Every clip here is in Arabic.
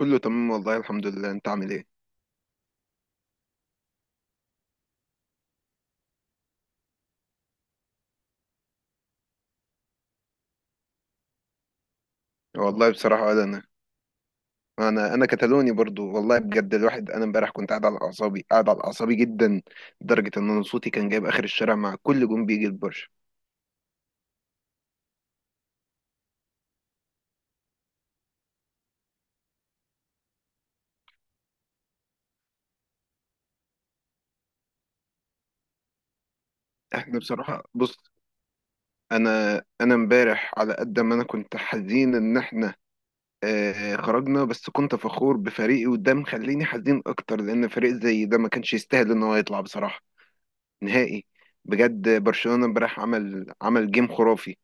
كله تمام، والله الحمد لله. انت عامل ايه؟ والله بصراحه ولا انا. انا كتالوني برضو، والله بجد. الواحد انا امبارح كنت قاعد على اعصابي، قاعد على اعصابي جدا، لدرجه ان انا صوتي كان جايب اخر الشارع مع كل جون بيجي البرشا. احنا بصراحه، بص، انا انا امبارح على قد ما انا كنت حزين ان احنا خرجنا، بس كنت فخور بفريقي، وده مخليني حزين اكتر لان فريق زي ده ما كانش يستاهل ان هو يطلع بصراحه نهائي. بجد برشلونه امبارح عمل جيم خرافي.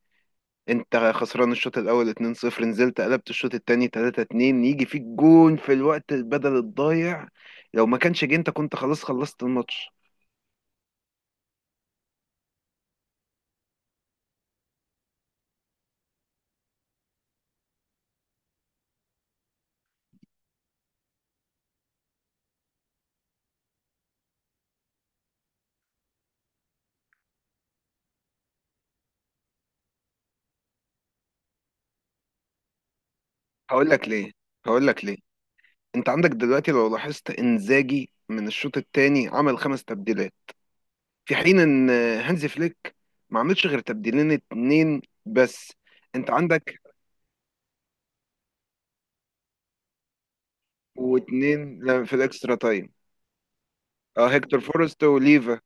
انت خسران الشوط الاول 2-0، نزلت قلبت الشوط التاني 3-2، يجي فيك جون في الوقت البدل الضايع. لو ما كانش جه انت كنت خلاص خلصت الماتش. هقول لك ليه. هقول لك ليه، انت عندك دلوقتي لو لاحظت انزاجي من الشوط التاني عمل خمس تبديلات، في حين ان هانزي فليك ما عملش غير تبديلين اتنين بس. انت عندك واتنين، لا، في الاكسترا تايم. اه، هيكتور فورست وليفا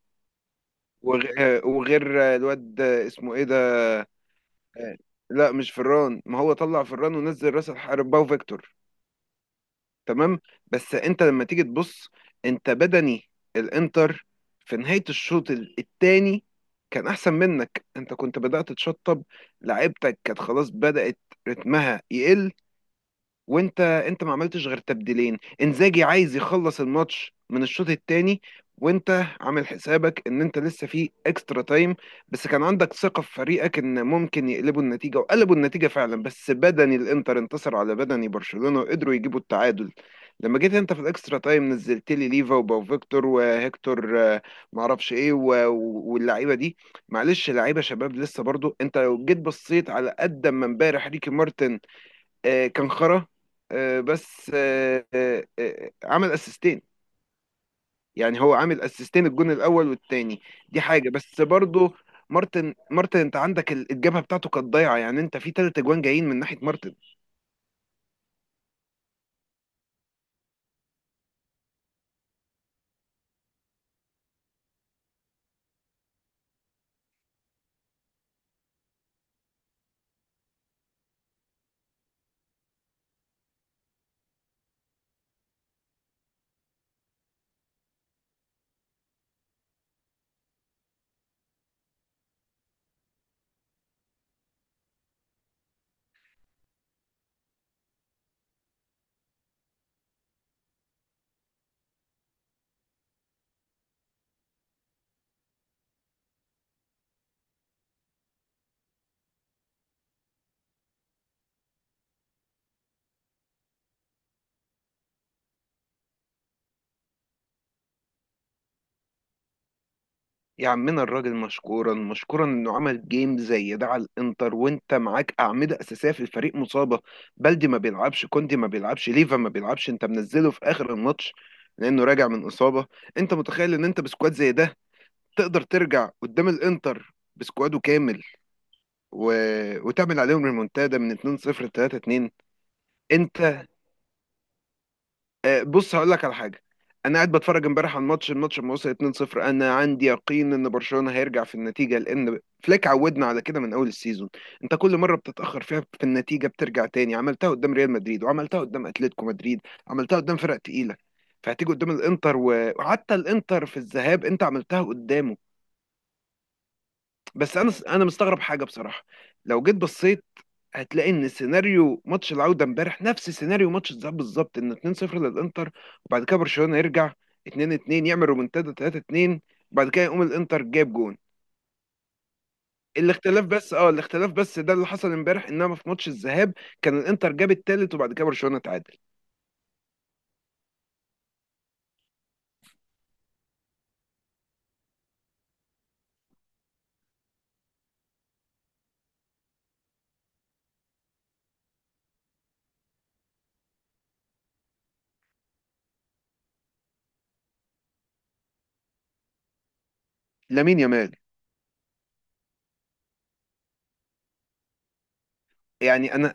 وغير الواد اسمه ايه ده. آه، لا مش فران، ما هو طلع فران ونزل راس الحرب باو فيكتور. تمام. بس انت لما تيجي تبص، انت بدني الانتر في نهاية الشوط الثاني كان احسن منك. انت كنت بدأت تشطب، لعيبتك كانت خلاص بدأت رتمها يقل. وانت ما عملتش غير تبديلين. انزاجي عايز يخلص الماتش من الشوط الثاني وانت عامل حسابك ان انت لسه في اكسترا تايم. بس كان عندك ثقة في فريقك ان ممكن يقلبوا النتيجة، وقلبوا النتيجة فعلا. بس بدني الانتر انتصر على بدني برشلونة وقدروا يجيبوا التعادل. لما جيت انت في الاكسترا تايم نزلت لي ليفا وباو فيكتور وهيكتور، معرفش ايه واللعيبه دي، معلش لعيبه شباب لسه. برضو انت لو جيت بصيت، على قد ما امبارح ريكي مارتن كان خرا، بس عمل اسيستين. يعني هو عامل اسيستين الجون الاول والتاني. دي حاجه. بس برضه مارتن مارتن، انت عندك الجبهه بتاعته كانت ضايعه. يعني انت في تلات اجوان جايين من ناحيه مارتن. يا عمنا الراجل مشكورا مشكورا انه عمل جيم زي ده على الانتر، وانت معاك اعمده اساسيه في الفريق مصابه. بلدي ما بيلعبش، كوندي ما بيلعبش، ليفا ما بيلعبش، انت منزله في اخر الماتش لانه راجع من اصابه. انت متخيل ان انت بسكواد زي ده تقدر ترجع قدام الانتر بسكواده كامل و... وتعمل عليهم ريمونتادا من 2-0 ل 3-2؟ انت بص هقول لك على حاجه. انا قاعد بتفرج امبارح على الماتش لما وصل 2-0 انا عندي يقين ان برشلونه هيرجع في النتيجه، لان فليك عودنا على كده من اول السيزون. انت كل مره بتتاخر فيها في النتيجه بترجع تاني. عملتها قدام ريال مدريد، وعملتها قدام اتلتيكو مدريد، عملتها قدام فرق تقيله، فهتيجي قدام الانتر وحتى الانتر في الذهاب انت عملتها قدامه. بس انا مستغرب حاجه بصراحه. لو جيت بصيت هتلاقي ان سيناريو ماتش العوده امبارح نفس سيناريو ماتش الذهاب بالظبط، ان 2-0 للانتر وبعد كده برشلونه يرجع 2-2، يعمل رومنتادا 3-2، وبعد كده يقوم الانتر جاب جون. الاختلاف بس ده اللي حصل امبارح، انما في ماتش الذهاب كان الانتر جاب التالت وبعد كده برشلونه تعادل. لامين يامال. يعني انا،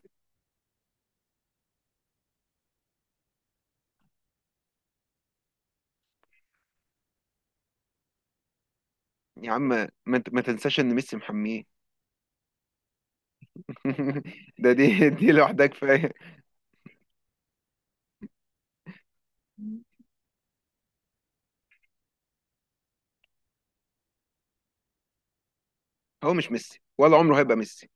يا عم، ما تنساش ان ميسي محميه. ده دي دي لوحدها كفايه. هو مش ميسي ولا عمره هيبقى ميسي.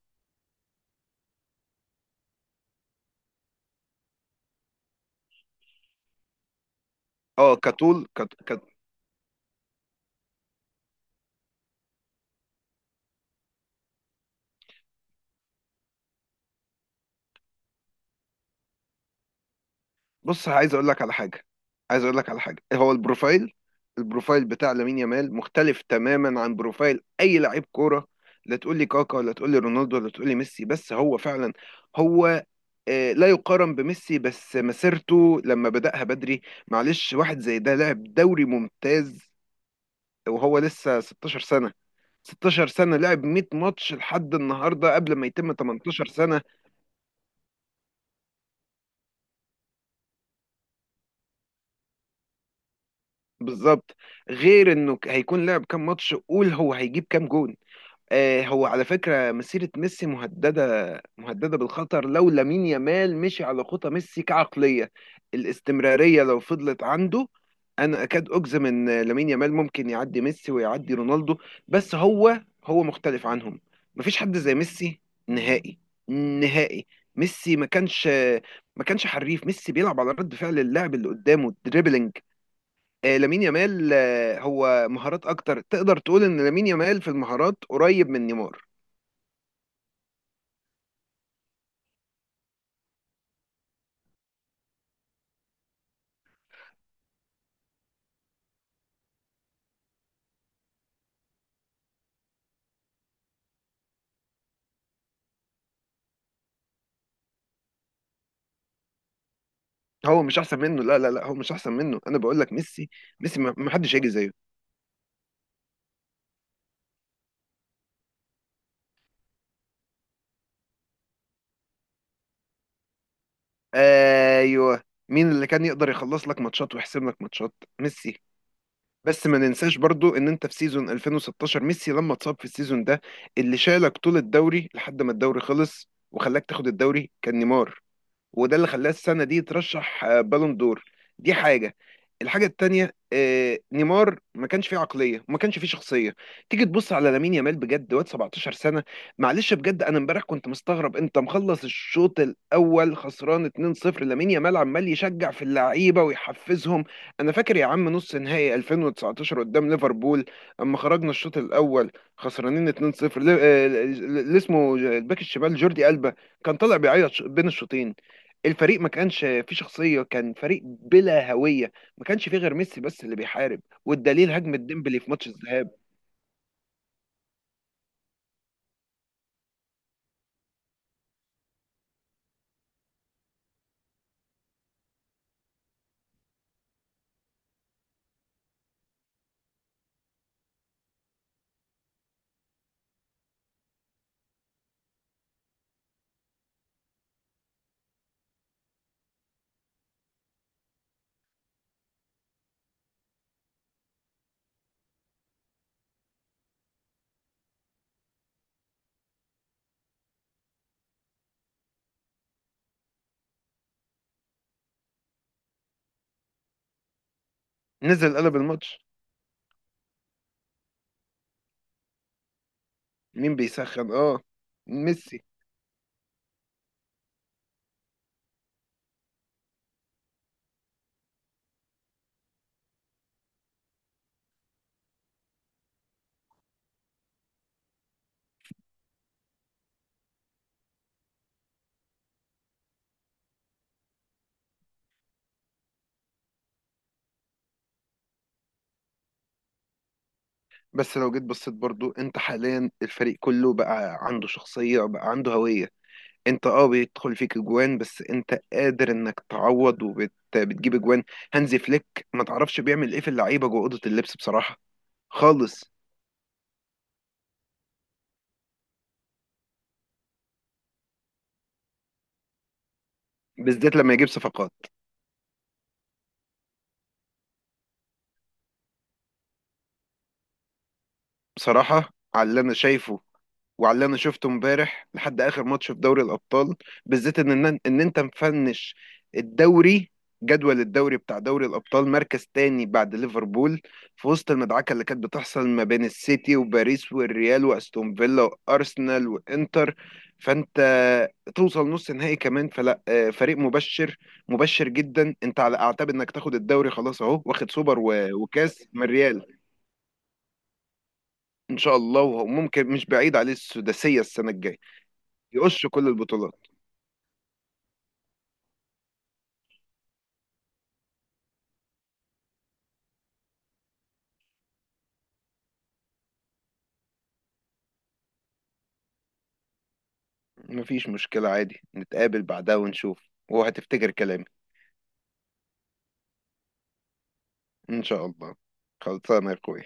اه كطول كت... كت... بص، عايز اقول لك على حاجه هو البروفايل بتاع لامين يامال مختلف تماما عن بروفايل اي لعيب كوره. لا تقول لي كاكا، ولا تقول لي رونالدو، ولا تقول لي ميسي. بس هو فعلا، هو لا يقارن بميسي، بس مسيرته لما بدأها بدري. معلش، واحد زي ده لعب دوري ممتاز وهو لسه 16 سنه. 16 سنه لعب 100 ماتش لحد النهارده قبل ما يتم 18 سنه. بالظبط، غير انه هيكون لعب كام ماتش، قول هو هيجيب كام جون. آه، هو على فكرة مسيرة ميسي مهددة، مهددة بالخطر لو لامين يامال مشي على خطى ميسي كعقلية. الاستمرارية لو فضلت عنده، انا اكاد اجزم ان لامين يامال ممكن يعدي ميسي ويعدي رونالدو. بس هو مختلف عنهم. مفيش حد زي ميسي نهائي نهائي. ميسي ما كانش حريف. ميسي بيلعب على رد فعل اللاعب اللي قدامه دريبلينج. لامين يامال هو مهارات اكتر. تقدر تقول ان لامين يامال في المهارات قريب من نيمار. هو مش احسن منه، لا لا لا، هو مش احسن منه. انا بقول لك، ميسي، ميسي ما حدش هيجي زيه. ايوه. مين اللي كان يقدر يخلص لك ماتشات ويحسم لك ماتشات؟ ميسي. بس ما ننساش برضو ان انت في سيزون 2016 ميسي لما اتصاب في السيزون ده، اللي شالك طول الدوري لحد ما الدوري خلص وخلاك تاخد الدوري كان نيمار، وده اللي خلاه السنه دي ترشح بالون دور. دي حاجه. الحاجه التانيه، نيمار ما كانش فيه عقليه وما كانش فيه شخصيه. تيجي تبص على لامين يامال بجد، واد 17 سنه. معلش، بجد انا امبارح كنت مستغرب انت مخلص الشوط الاول خسران 2-0، لامين يامال عمال يشجع في اللعيبه ويحفزهم. انا فاكر يا عم نص نهائي 2019 قدام ليفربول، اما خرجنا الشوط الاول خسرانين 2-0، اللي اسمه الباك الشمال جوردي ألبا كان طالع بيعيط بين الشوطين. الفريق ما كانش فيه شخصية، كان فريق بلا هوية. ما كانش فيه غير ميسي بس اللي بيحارب، والدليل هجمة ديمبلي في ماتش الذهاب. نزل قلب الماتش. مين بيسخن؟ اه، ميسي. بس لو جيت بصيت برضو، انت حاليا الفريق كله بقى عنده شخصية، بقى عنده هوية. انت بيدخل فيك اجوان بس انت قادر انك تعوض وبتجيب اجوان. هانزي فليك، ما تعرفش بيعمل ايه في اللعيبة جوه أوضة اللبس بصراحة خالص. بالذات لما يجيب صفقات. بصراحة على اللي انا شايفه، وعلى اللي انا شفته امبارح لحد اخر ماتش في دوري الابطال، بالذات ان انت مفنش الدوري، جدول الدوري بتاع دوري الابطال مركز تاني بعد ليفربول، في وسط المدعكه اللي كانت بتحصل ما بين السيتي وباريس والريال واستون فيلا وارسنال وانتر. فانت توصل نص نهائي كمان، فلا، فريق مبشر، مبشر جدا. انت على اعتاب انك تاخد الدوري خلاص اهو، واخد سوبر وكاس من الريال. ان شاء الله، وممكن مش بعيد عليه السداسيه السنه الجايه. يقص كل البطولات. مفيش مشكلة، عادي نتقابل بعدها ونشوف وهتفتكر كلامي. إن شاء الله. خلصانة يا أخوي.